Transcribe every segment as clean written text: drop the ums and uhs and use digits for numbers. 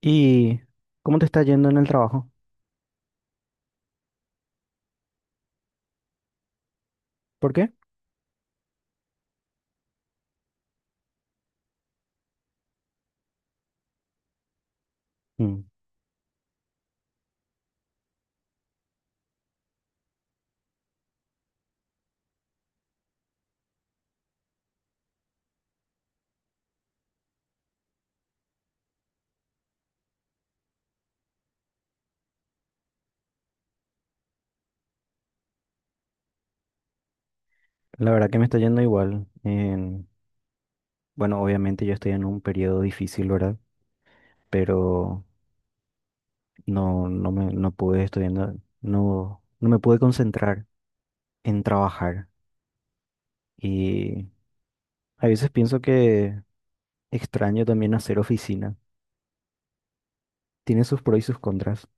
¿Y cómo te está yendo en el trabajo? ¿Por qué? Mm. La verdad que me está yendo igual. Bueno, obviamente yo estoy en un periodo difícil, ¿verdad? Pero no pude estudiando, no me pude concentrar en trabajar. Y a veces pienso que extraño también hacer oficina. Tiene sus pros y sus contras.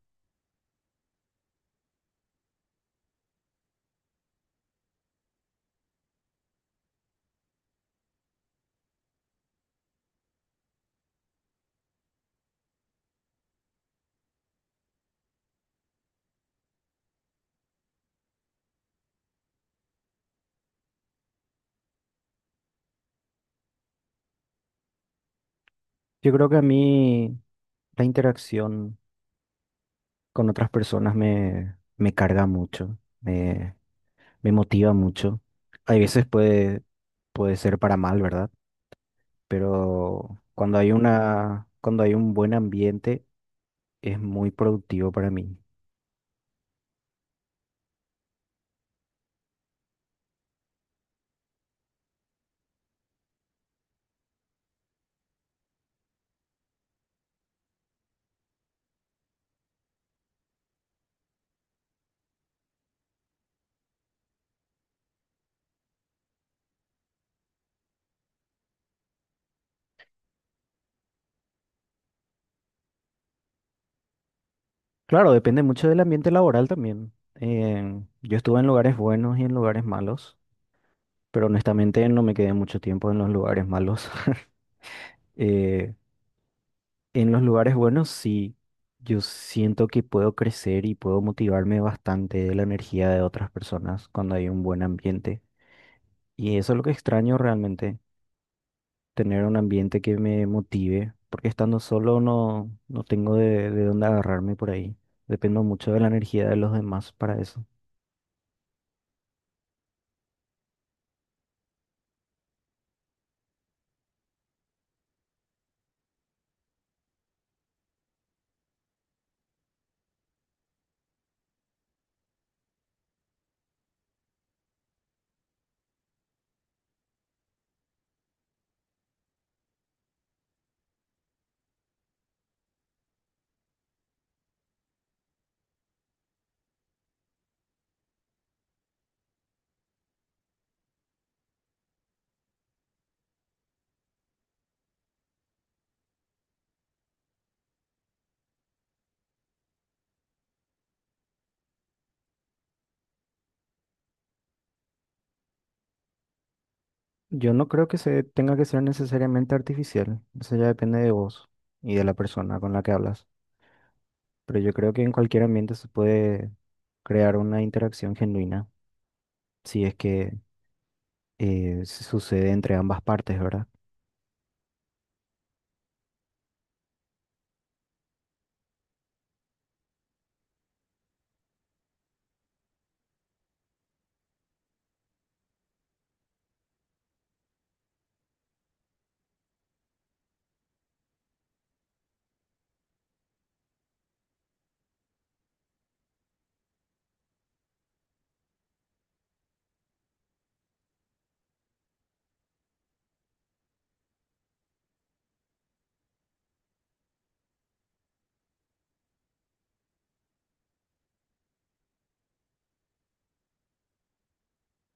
Yo creo que a mí la interacción con otras personas me carga mucho. Me motiva mucho. Hay veces puede, Puede ser para mal, ¿verdad? Pero cuando hay un buen ambiente, es muy productivo para mí. Claro, depende mucho del ambiente laboral también. Yo estuve en lugares buenos y en lugares malos, pero honestamente no me quedé mucho tiempo en los lugares malos. Eh, en los lugares buenos sí, yo siento que puedo crecer y puedo motivarme bastante de la energía de otras personas cuando hay un buen ambiente. Y eso es lo que extraño realmente, tener un ambiente que me motive, porque estando solo no tengo de dónde agarrarme por ahí. Dependo mucho de la energía de los demás para eso. Yo no creo que se tenga que ser necesariamente artificial, eso ya depende de vos y de la persona con la que hablas. Pero yo creo que en cualquier ambiente se puede crear una interacción genuina, si es que se sucede entre ambas partes, ¿verdad?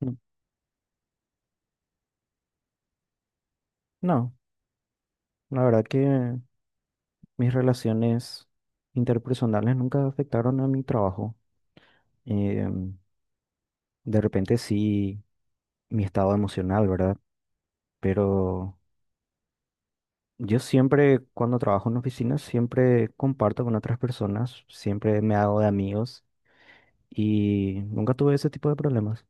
Mm. No, la verdad que... Mis relaciones interpersonales nunca afectaron a mi trabajo. Em, de repente sí, mi estado emocional, ¿verdad? Pero yo siempre, cuando trabajo en oficinas, siempre comparto con otras personas, siempre me hago de amigos y nunca tuve ese tipo de problemas.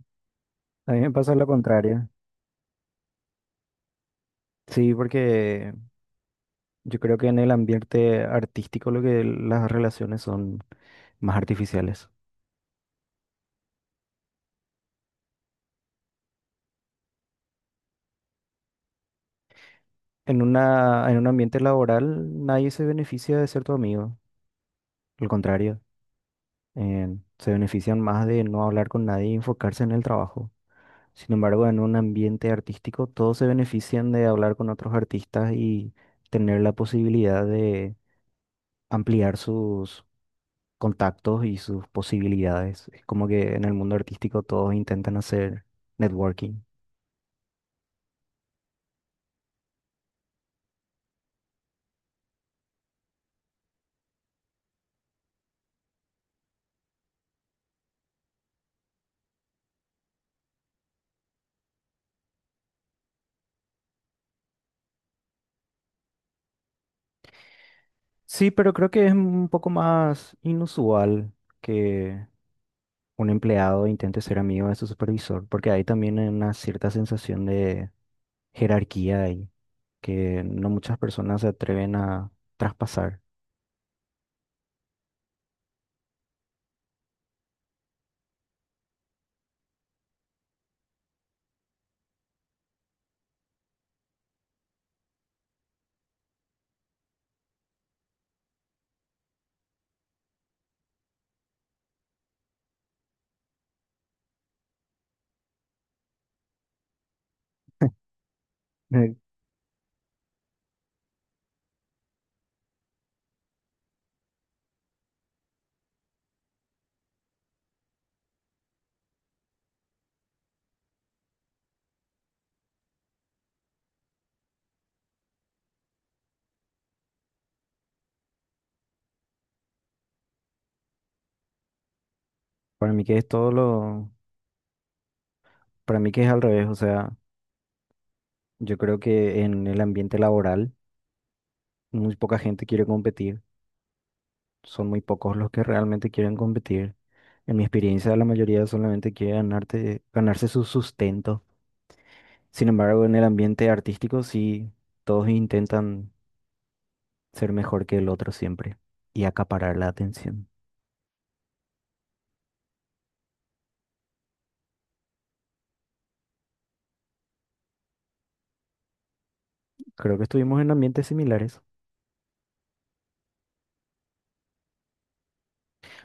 A mí me pasa lo contrario. Sí, porque yo creo que en el ambiente artístico lo que las relaciones son más artificiales. En un ambiente laboral nadie se beneficia de ser tu amigo, al contrario, eh, se benefician más de no hablar con nadie y enfocarse en el trabajo. Sin embargo, en un ambiente artístico todos se benefician de hablar con otros artistas y tener la posibilidad de ampliar sus contactos y sus posibilidades. Es como que en el mundo artístico todos intentan hacer networking. Sí, pero creo que es un poco más inusual que un empleado intente ser amigo de su supervisor, porque hay también una cierta sensación de jerarquía ahí, que no muchas personas se atreven a traspasar. Eh, Para mí que es todo lo, para mí que es al revés, o sea, yo creo que en el ambiente laboral muy poca gente quiere competir, son muy pocos los que realmente quieren competir. En mi experiencia, la mayoría solamente quiere ganarse su sustento. Sin embargo, en el ambiente artístico sí, todos intentan ser mejor que el otro siempre y acaparar la atención. Creo que estuvimos en ambientes similares.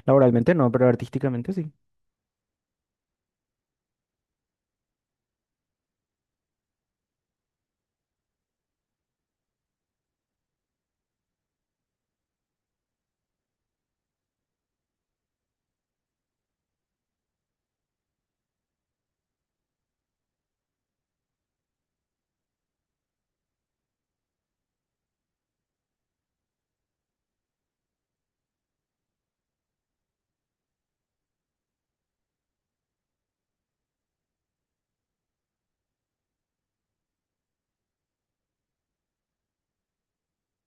Laboralmente no, pero artísticamente sí.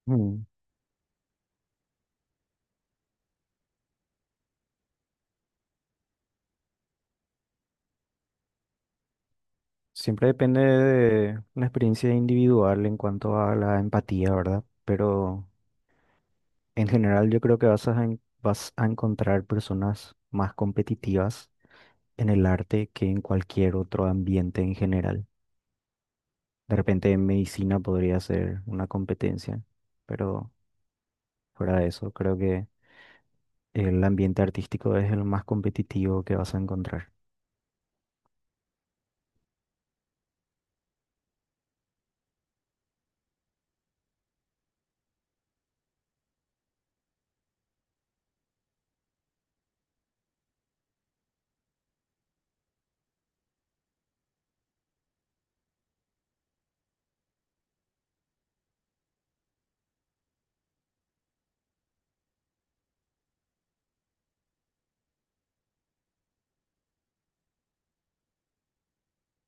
Mm. Siempre depende de una experiencia individual en cuanto a la empatía, ¿verdad? Pero en general yo creo que vas a encontrar personas más competitivas en el arte que en cualquier otro ambiente en general. De repente en medicina podría ser una competencia, pero fuera de eso, creo que... El ambiente artístico es el más competitivo que vas a encontrar.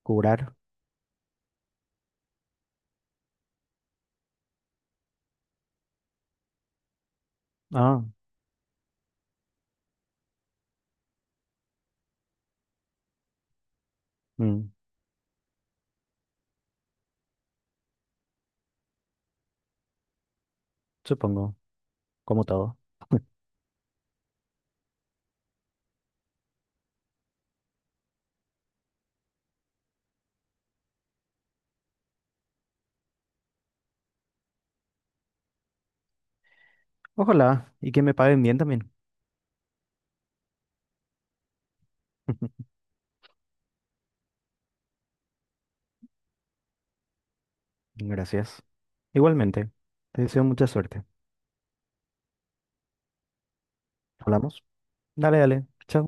¿Curar? Ah, mm, supongo, como todo. Ojalá, y que me paguen bien también. Gracias. Igualmente, te deseo mucha suerte. ¿Hablamos? Dale, dale. Chao.